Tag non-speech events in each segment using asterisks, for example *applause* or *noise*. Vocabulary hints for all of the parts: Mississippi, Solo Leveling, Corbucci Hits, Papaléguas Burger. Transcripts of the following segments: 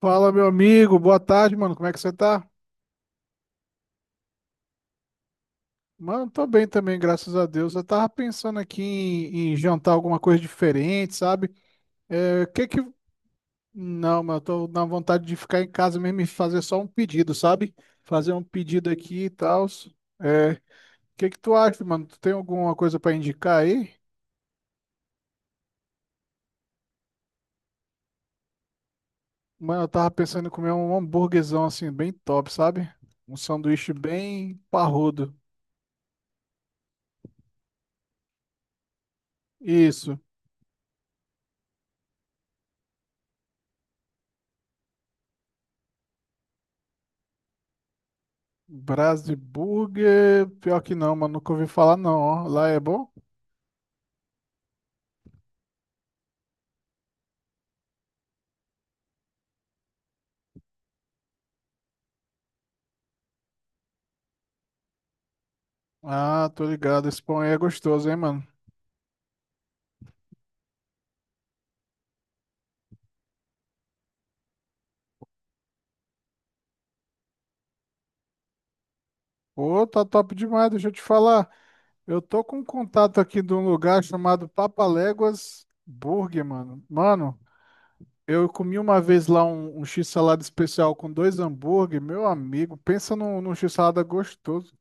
Fala, meu amigo, boa tarde, mano. Como é que você tá? Mano, tô bem também, graças a Deus. Eu tava pensando aqui em jantar alguma coisa diferente, sabe? É, que que. Não, mano, eu tô na vontade de ficar em casa mesmo e fazer só um pedido, sabe? Fazer um pedido aqui e tal. É, que tu acha, mano? Tu tem alguma coisa pra indicar aí? Mano, eu tava pensando em comer um hambúrguerzão assim, bem top, sabe? Um sanduíche bem parrudo. Isso. Brás, pior que não, mano, nunca ouvi falar não, ó. Lá é bom? Ah, tô ligado, esse pão aí é gostoso, hein, mano? Pô, tá top demais, deixa eu te falar. Eu tô com um contato aqui de um lugar chamado Papaléguas Burger, mano. Mano, eu comi uma vez lá um x-salada especial com dois hambúrguer, meu amigo, pensa num x-salada gostoso.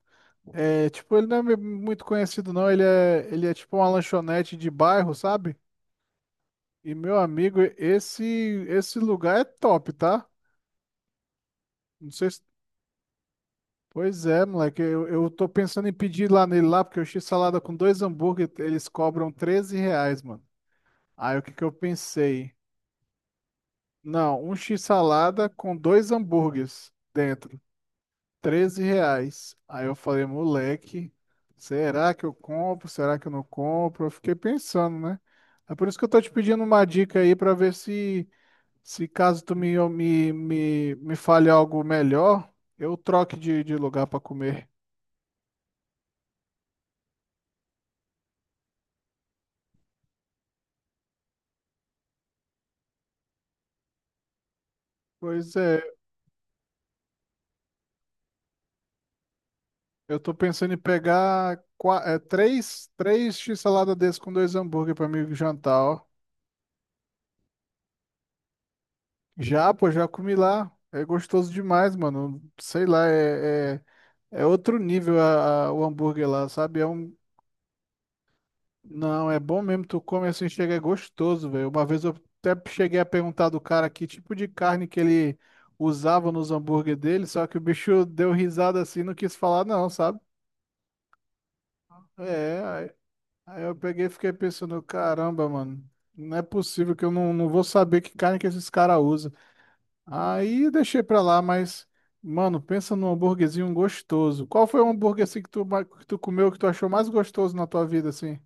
É, tipo, ele não é muito conhecido não, ele é tipo uma lanchonete de bairro, sabe? E meu amigo, esse lugar é top, tá? Não sei se... Pois é, moleque, eu tô pensando em pedir lá nele lá, porque o x-salada com dois hambúrguer, eles cobram R$ 13, mano. Aí o que que eu pensei? Não, um x-salada com dois hambúrgueres dentro, R$ 13. Aí eu falei, moleque, será que eu compro? Será que eu não compro? Eu fiquei pensando, né? É por isso que eu tô te pedindo uma dica aí pra ver se se caso tu me fale algo melhor, eu troque de lugar para comer. Pois é, eu tô pensando em pegar três x-salada desse com dois hambúrguer para mim jantar, ó. Já, pô, já comi lá. É gostoso demais, mano. Sei lá, é outro nível o hambúrguer lá, sabe? É um, não, é bom mesmo. Tu come assim, chega, é gostoso, velho. Uma vez eu até cheguei a perguntar do cara que tipo de carne que ele usava nos hambúrguer dele, só que o bicho deu risada assim, não quis falar não, sabe? É, aí, aí eu peguei e fiquei pensando, caramba, mano, não é possível que eu não vou saber que carne que esses caras usam. Aí eu deixei pra lá, mas, mano, pensa num hambúrguerzinho gostoso. Qual foi o hambúrguer assim que tu, que tu comeu, que tu achou mais gostoso na tua vida, assim?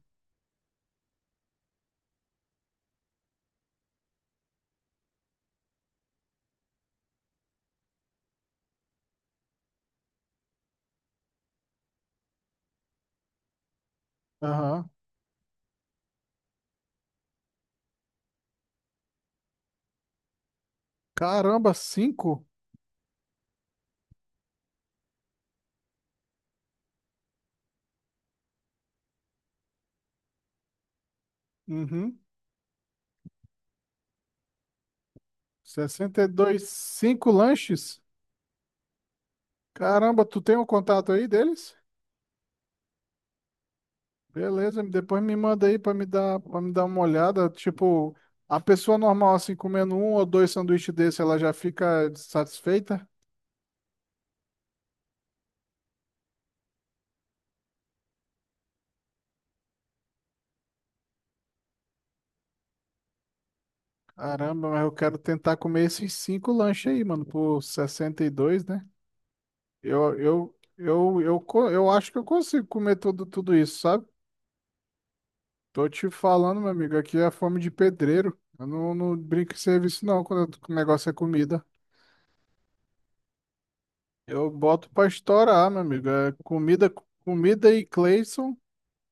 Aham. Caramba, cinco? Uhum. 62, cinco lanches? Caramba, tu tem o contato aí deles? Beleza, depois me manda aí para me dar uma olhada. Tipo, a pessoa normal assim comendo um ou dois sanduíches desse, ela já fica satisfeita? Caramba, mas eu quero tentar comer esses cinco lanches aí, mano, por 62, né? Eu acho que eu consigo comer tudo, tudo isso, sabe? Tô te falando, meu amigo, aqui é fome de pedreiro. Eu não brinco em serviço, não, quando quando o negócio é comida. Eu boto pra estourar, meu amigo. Comida e Cleison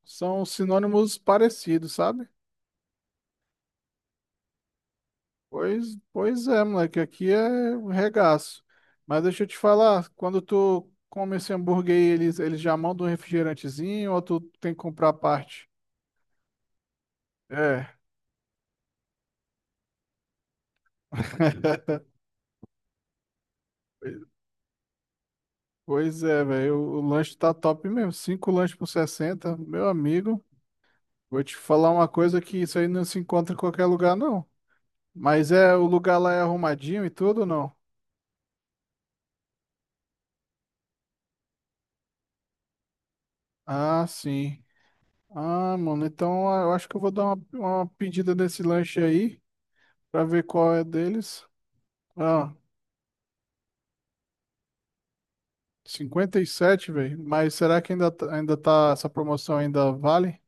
são sinônimos parecidos, sabe? Pois é, moleque, aqui é um regaço. Mas deixa eu te falar, quando tu come esse hambúrguer aí, eles já mandam um refrigerantezinho ou tu tem que comprar à parte? É. *laughs* Pois é, velho. O lanche tá top mesmo. Cinco lanches por 60, meu amigo. Vou te falar uma coisa que isso aí não se encontra em qualquer lugar, não. Mas é, o lugar lá é arrumadinho e tudo, ou não? Ah, sim. Ah, mano, então ah, eu acho que eu vou dar uma pedida nesse lanche aí, pra ver qual é deles. Ah, 57, velho. Mas será que ainda, ainda tá, essa promoção ainda vale?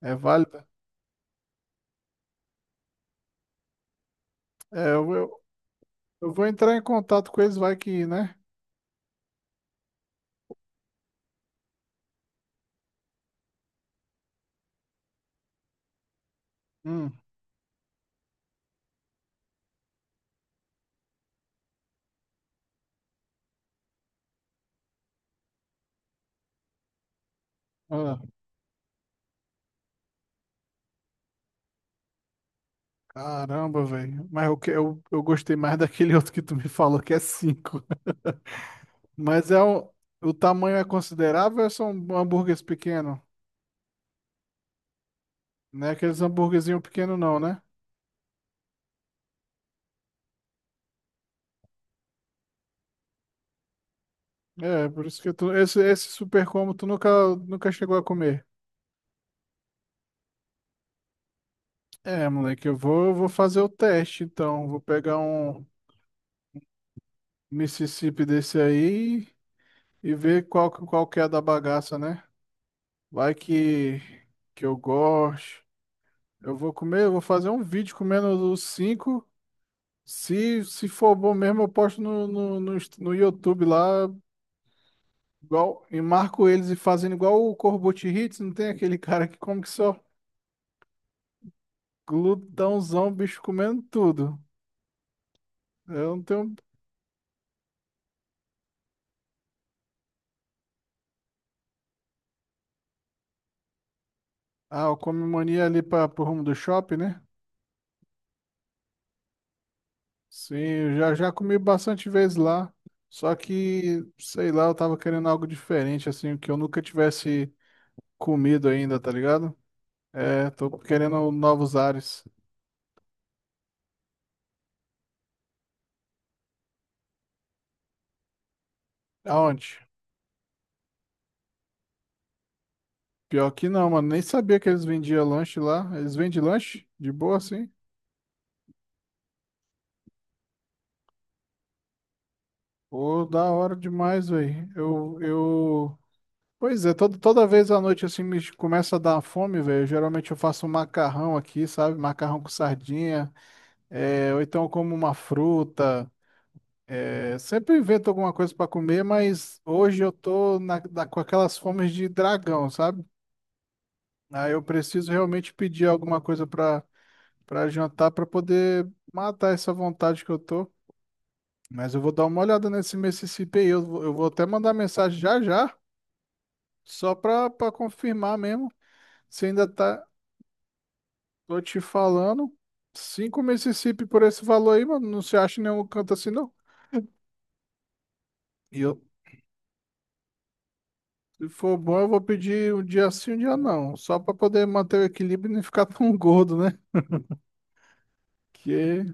É válida? É, eu vou entrar em contato com eles, vai que, né? Hum, ah. Caramba, velho. Mas eu, eu gostei mais *laughs* daquele outro que tu me falou, que é 5. *laughs* Mas é o tamanho é considerável ou é são hambúrgueres pequenos? Não é aqueles hambúrguerzinho pequeno não, né? É, por isso que tu, esse super combo tu nunca, nunca chegou a comer. É, moleque, eu vou fazer o teste, então. Vou pegar um Mississippi desse aí e ver qual, qual que é a da bagaça, né? Vai que eu gosto. Eu vou comer, eu vou fazer um vídeo comendo os cinco. Se for bom mesmo, eu posto no, no YouTube lá, igual, e marco eles e fazendo igual o Corbucci Hits, não tem aquele *laughs* cara que come que só glutãozão, bicho comendo tudo. Eu não tenho. Ah, eu come mania ali para pro rumo do shopping, né? Sim, eu já comi bastante vezes lá. Só que, sei lá, eu tava querendo algo diferente, assim, que eu nunca tivesse comido ainda, tá ligado? É, tô querendo novos ares. Aonde? Pior que não, mano. Nem sabia que eles vendiam lanche lá. Eles vendem lanche? De boa, assim? Pô, da hora demais, velho. Pois é, toda toda vez à noite, assim, me começa a dar fome, velho. Geralmente eu faço um macarrão aqui, sabe? Macarrão com sardinha. É, ou então eu como uma fruta. É, sempre invento alguma coisa pra comer, mas hoje eu tô com aquelas fomes de dragão, sabe? Aí eu preciso realmente pedir alguma coisa pra para jantar pra poder matar essa vontade que eu tô. Mas eu vou dar uma olhada nesse Mississippi aí. Eu vou até mandar mensagem já já, só pra confirmar mesmo. Se ainda tá. Tô te falando. Cinco Mississippi por esse valor aí, mano. Não se acha em nenhum canto assim, não. E eu, se for bom, eu vou pedir um dia sim, um dia não. Só pra poder manter o equilíbrio e não ficar tão gordo, né? Que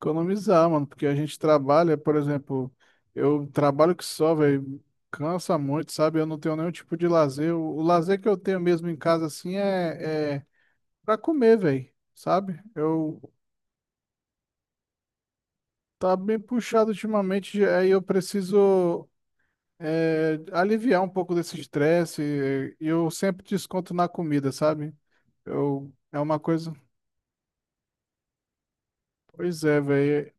economizar, mano, porque a gente trabalha, por exemplo, eu trabalho que só, velho, cansa muito, sabe? Eu não tenho nenhum tipo de lazer. O lazer que eu tenho mesmo em casa, assim, é pra comer, velho, sabe? Eu tá bem puxado ultimamente, aí eu preciso é, aliviar um pouco desse estresse e eu sempre desconto na comida, sabe? Eu, é uma coisa. Pois é, velho.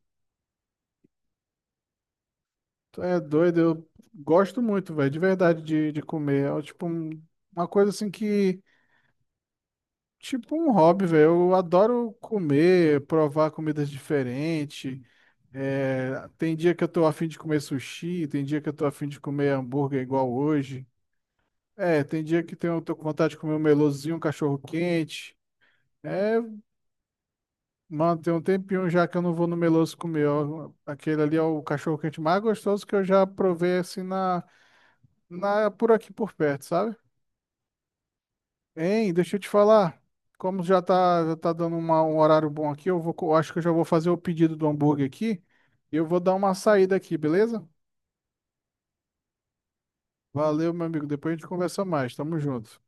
Tu é doido, eu gosto muito, velho, de verdade, de comer. É tipo um- uma coisa assim que. Tipo um hobby, velho. Eu adoro comer, provar comidas diferentes. É, tem dia que eu tô afim de comer sushi, tem dia que eu tô afim de comer hambúrguer igual hoje. É, tem dia eu tô com vontade de comer um melosinho, um cachorro quente. É, mano, tem um tempinho já que eu não vou no meloso comer, ó. Aquele ali é o cachorro quente mais gostoso que eu já provei assim por aqui por perto, sabe? Hein, deixa eu te falar. Como já tá dando uma- um horário bom aqui, eu acho que eu já vou fazer o pedido do hambúrguer aqui. E eu vou dar uma saída aqui, beleza? Valeu, meu amigo. Depois a gente conversa mais. Tamo junto.